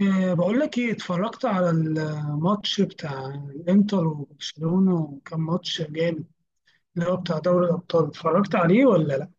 إيه، بقول لك ايه، اتفرجت على الماتش بتاع الانتر وبرشلونة وكان ماتش جامد. اللي هو بتاع دوري الابطال، اتفرجت عليه ولا لا؟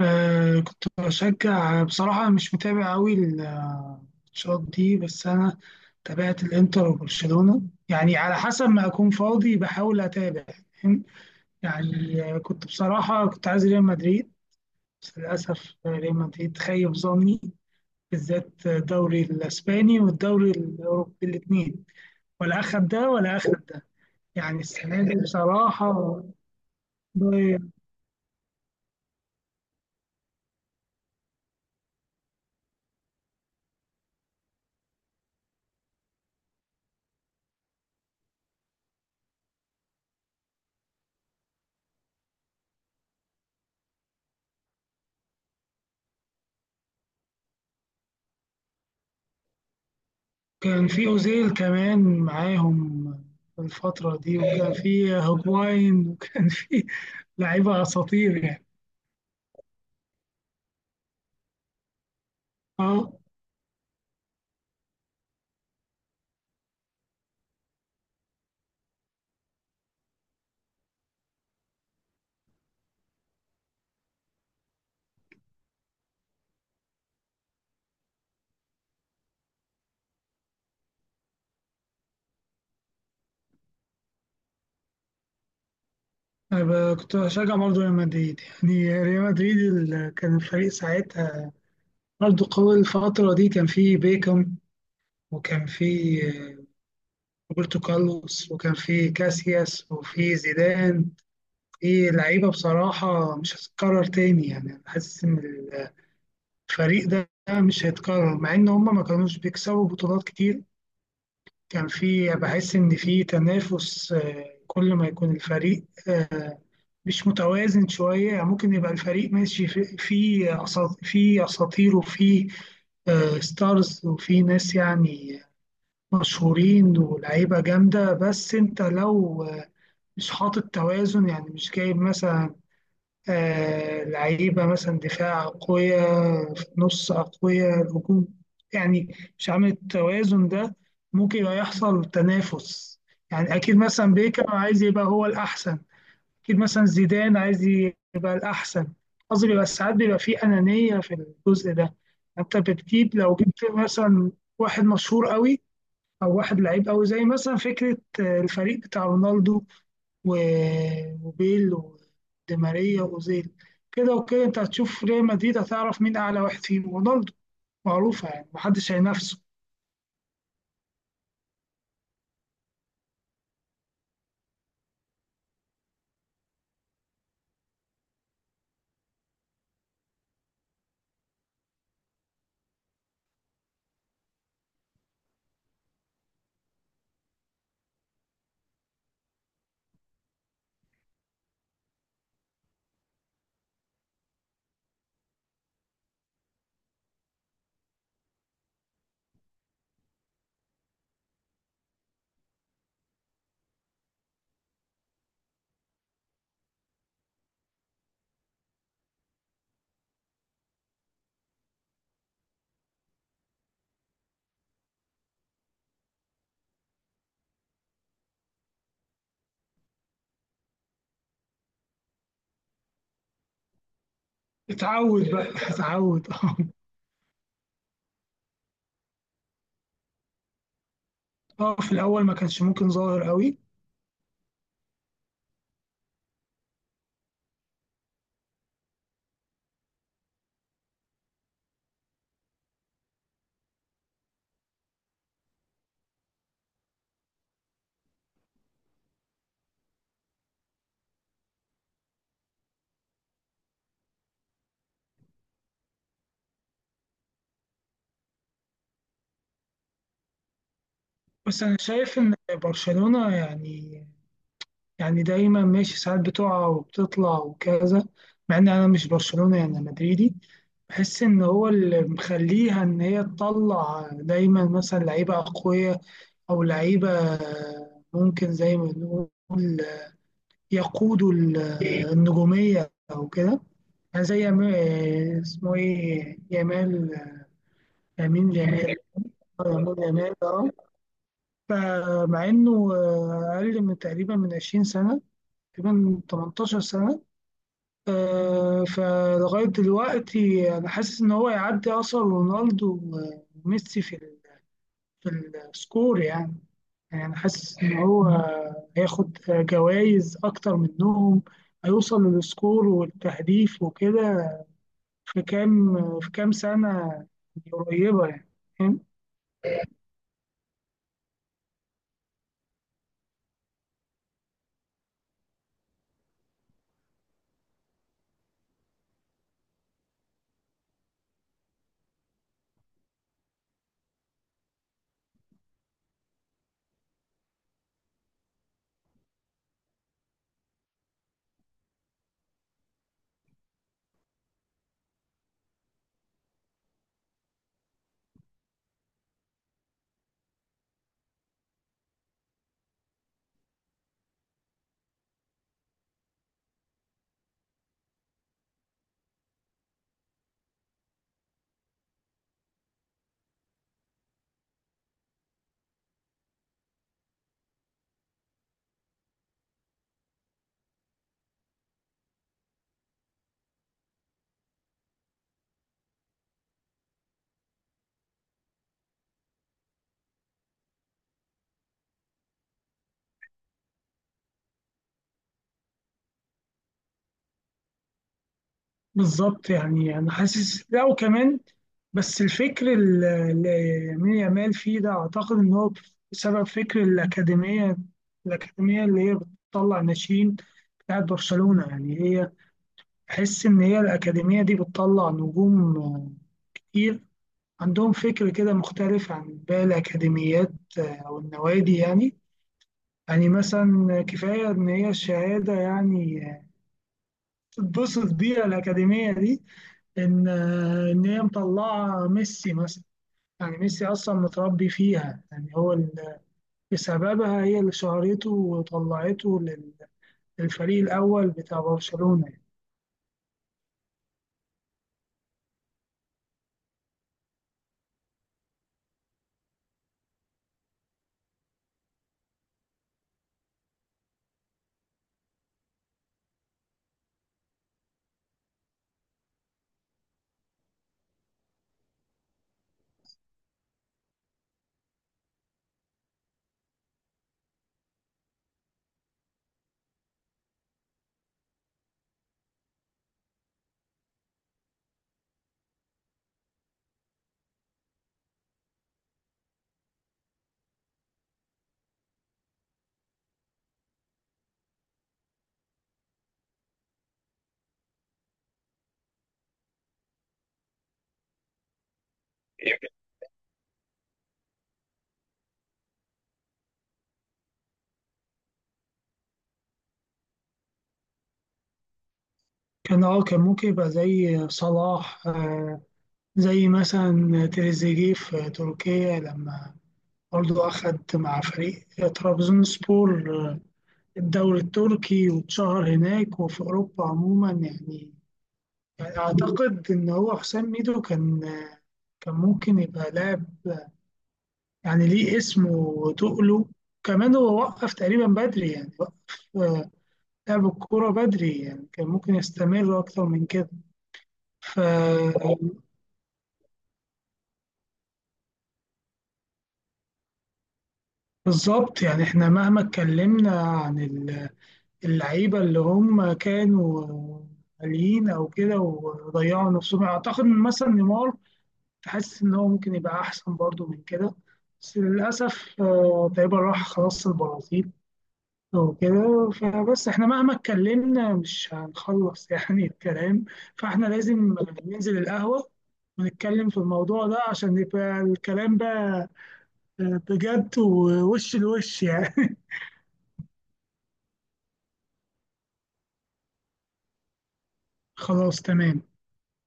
آه كنت بشجع. بصراحة مش متابع قوي الماتشات دي، بس انا تابعت الانتر وبرشلونة. يعني على حسب ما اكون فاضي بحاول اتابع. فاهم؟ يعني كنت بصراحة كنت عايز ريال مدريد، بس للأسف ريال مدريد خيب ظني، بالذات الدوري الاسباني والدوري الاوروبي الاثنين، ولا اخد ده ولا اخد ده. يعني السنه دي بصراحه، كان في اوزيل كمان معاهم في الفتره دي، وكان في هوجواين وكان في لعيبه اساطير يعني. اه، أنا كنت بشجع برضه ريال مدريد. يعني ريال مدريد كان الفريق ساعتها برضه قوي. الفترة دي كان فيه بيكم، وكان فيه روبرتو كارلوس، وكان في كاسياس وفي زيدان. في لعيبة بصراحة مش هتتكرر تاني يعني. أنا حاسس إن الفريق ده مش هيتكرر، مع إن هما ما كانوش بيكسبوا بطولات كتير. كان في، بحس إن في تنافس. كل ما يكون الفريق مش متوازن شوية، يعني ممكن يبقى الفريق ماشي في في أساطير وفي ستارز وفي ناس يعني مشهورين ولعيبة جامدة. بس أنت لو مش حاطط توازن، يعني مش جايب مثلا آه لعيبة مثلا دفاع قوية، في النص قوية، الهجوم، يعني مش عامل التوازن ده، ممكن يبقى يحصل تنافس. يعني أكيد مثلا بيكر عايز يبقى هو الأحسن، أكيد مثلا زيدان عايز يبقى الأحسن. قصدي بيبقى ساعات بيبقى فيه أنانية في الجزء ده. أنت بتجيب، لو جبت مثلا واحد مشهور قوي او واحد لعيب قوي، زي مثلا فكره الفريق بتاع رونالدو وبيل ودي ماريا واوزيل، كده وكده انت هتشوف ريال مدريد، هتعرف مين اعلى واحد فيهم. رونالدو معروفه يعني، محدش هينافسه. اتعود بقى اتعود اه. اه، في الاول ما كانش ممكن ظاهر قوي. بس انا شايف ان برشلونه يعني، يعني دايما ماشي، ساعات بتقع وبتطلع وكذا. مع ان انا مش برشلونه، يعني أنا مدريدي. بحس ان هو اللي مخليها ان هي تطلع دايما مثلا لعيبه اقوياء او لعيبه ممكن، زي ما بنقول، يقودوا النجوميه او كده. يعني زي اسمه ايه، يامال، يمين يامال. يامال يامال اه. فمع انه اقل من تقريبا من 20 سنه، تقريبا 18 سنه. فلغايه دلوقتي انا حاسس ان هو يعدي اصلا رونالدو وميسي في في السكور يعني. يعني أنا حاسس إن هو هياخد جوائز أكتر منهم، هيوصل للسكور والتهديف وكده في كام، في كام سنة قريبة يعني. فاهم؟ بالظبط. يعني أنا حاسس، لا وكمان، بس الفكر اللي يمين يامال فيه ده، أعتقد إن هو بسبب فكر الأكاديمية. الأكاديمية اللي هي بتطلع ناشئين، بتاعت برشلونة يعني، هي تحس إن هي الأكاديمية دي بتطلع نجوم كتير. عندهم فكر كده مختلف عن باقي الأكاديميات أو النوادي يعني. يعني مثلا كفاية إن هي الشهادة يعني تتبسط بيها الأكاديمية دي، إن إن هي مطلعة ميسي مثلا. يعني ميسي أصلا متربي فيها، يعني هو بسببها هي اللي شهرته وطلعته للفريق الأول بتاع برشلونة يعني. كان اه، كان ممكن يبقى زي صلاح، زي مثلا تريزيجيه في تركيا، لما برضه أخد مع فريق ترابزونسبور الدوري التركي، واتشهر هناك وفي أوروبا عموما يعني. يعني أعتقد إن هو حسام ميدو كان كان ممكن يبقى لاعب يعني ليه اسمه وتقله. كمان هو وقف تقريبا بدري يعني، وقف لعب الكورة بدري يعني، كان ممكن يستمر أكتر من كده. فبالظبط. يعني إحنا مهما اتكلمنا عن ال اللعيبة اللي هم كانوا عاليين أو كده وضيعوا نفسهم، أعتقد إن مثلا نيمار تحس إن هو ممكن يبقى أحسن برضو من كده، بس للأسف تقريبا راح خلاص البرازيل وكده. فبس احنا مهما اتكلمنا مش هنخلص يعني الكلام. فاحنا لازم ننزل القهوة ونتكلم في الموضوع ده، عشان يبقى الكلام بقى بجد ووش لوش يعني. خلاص تمام.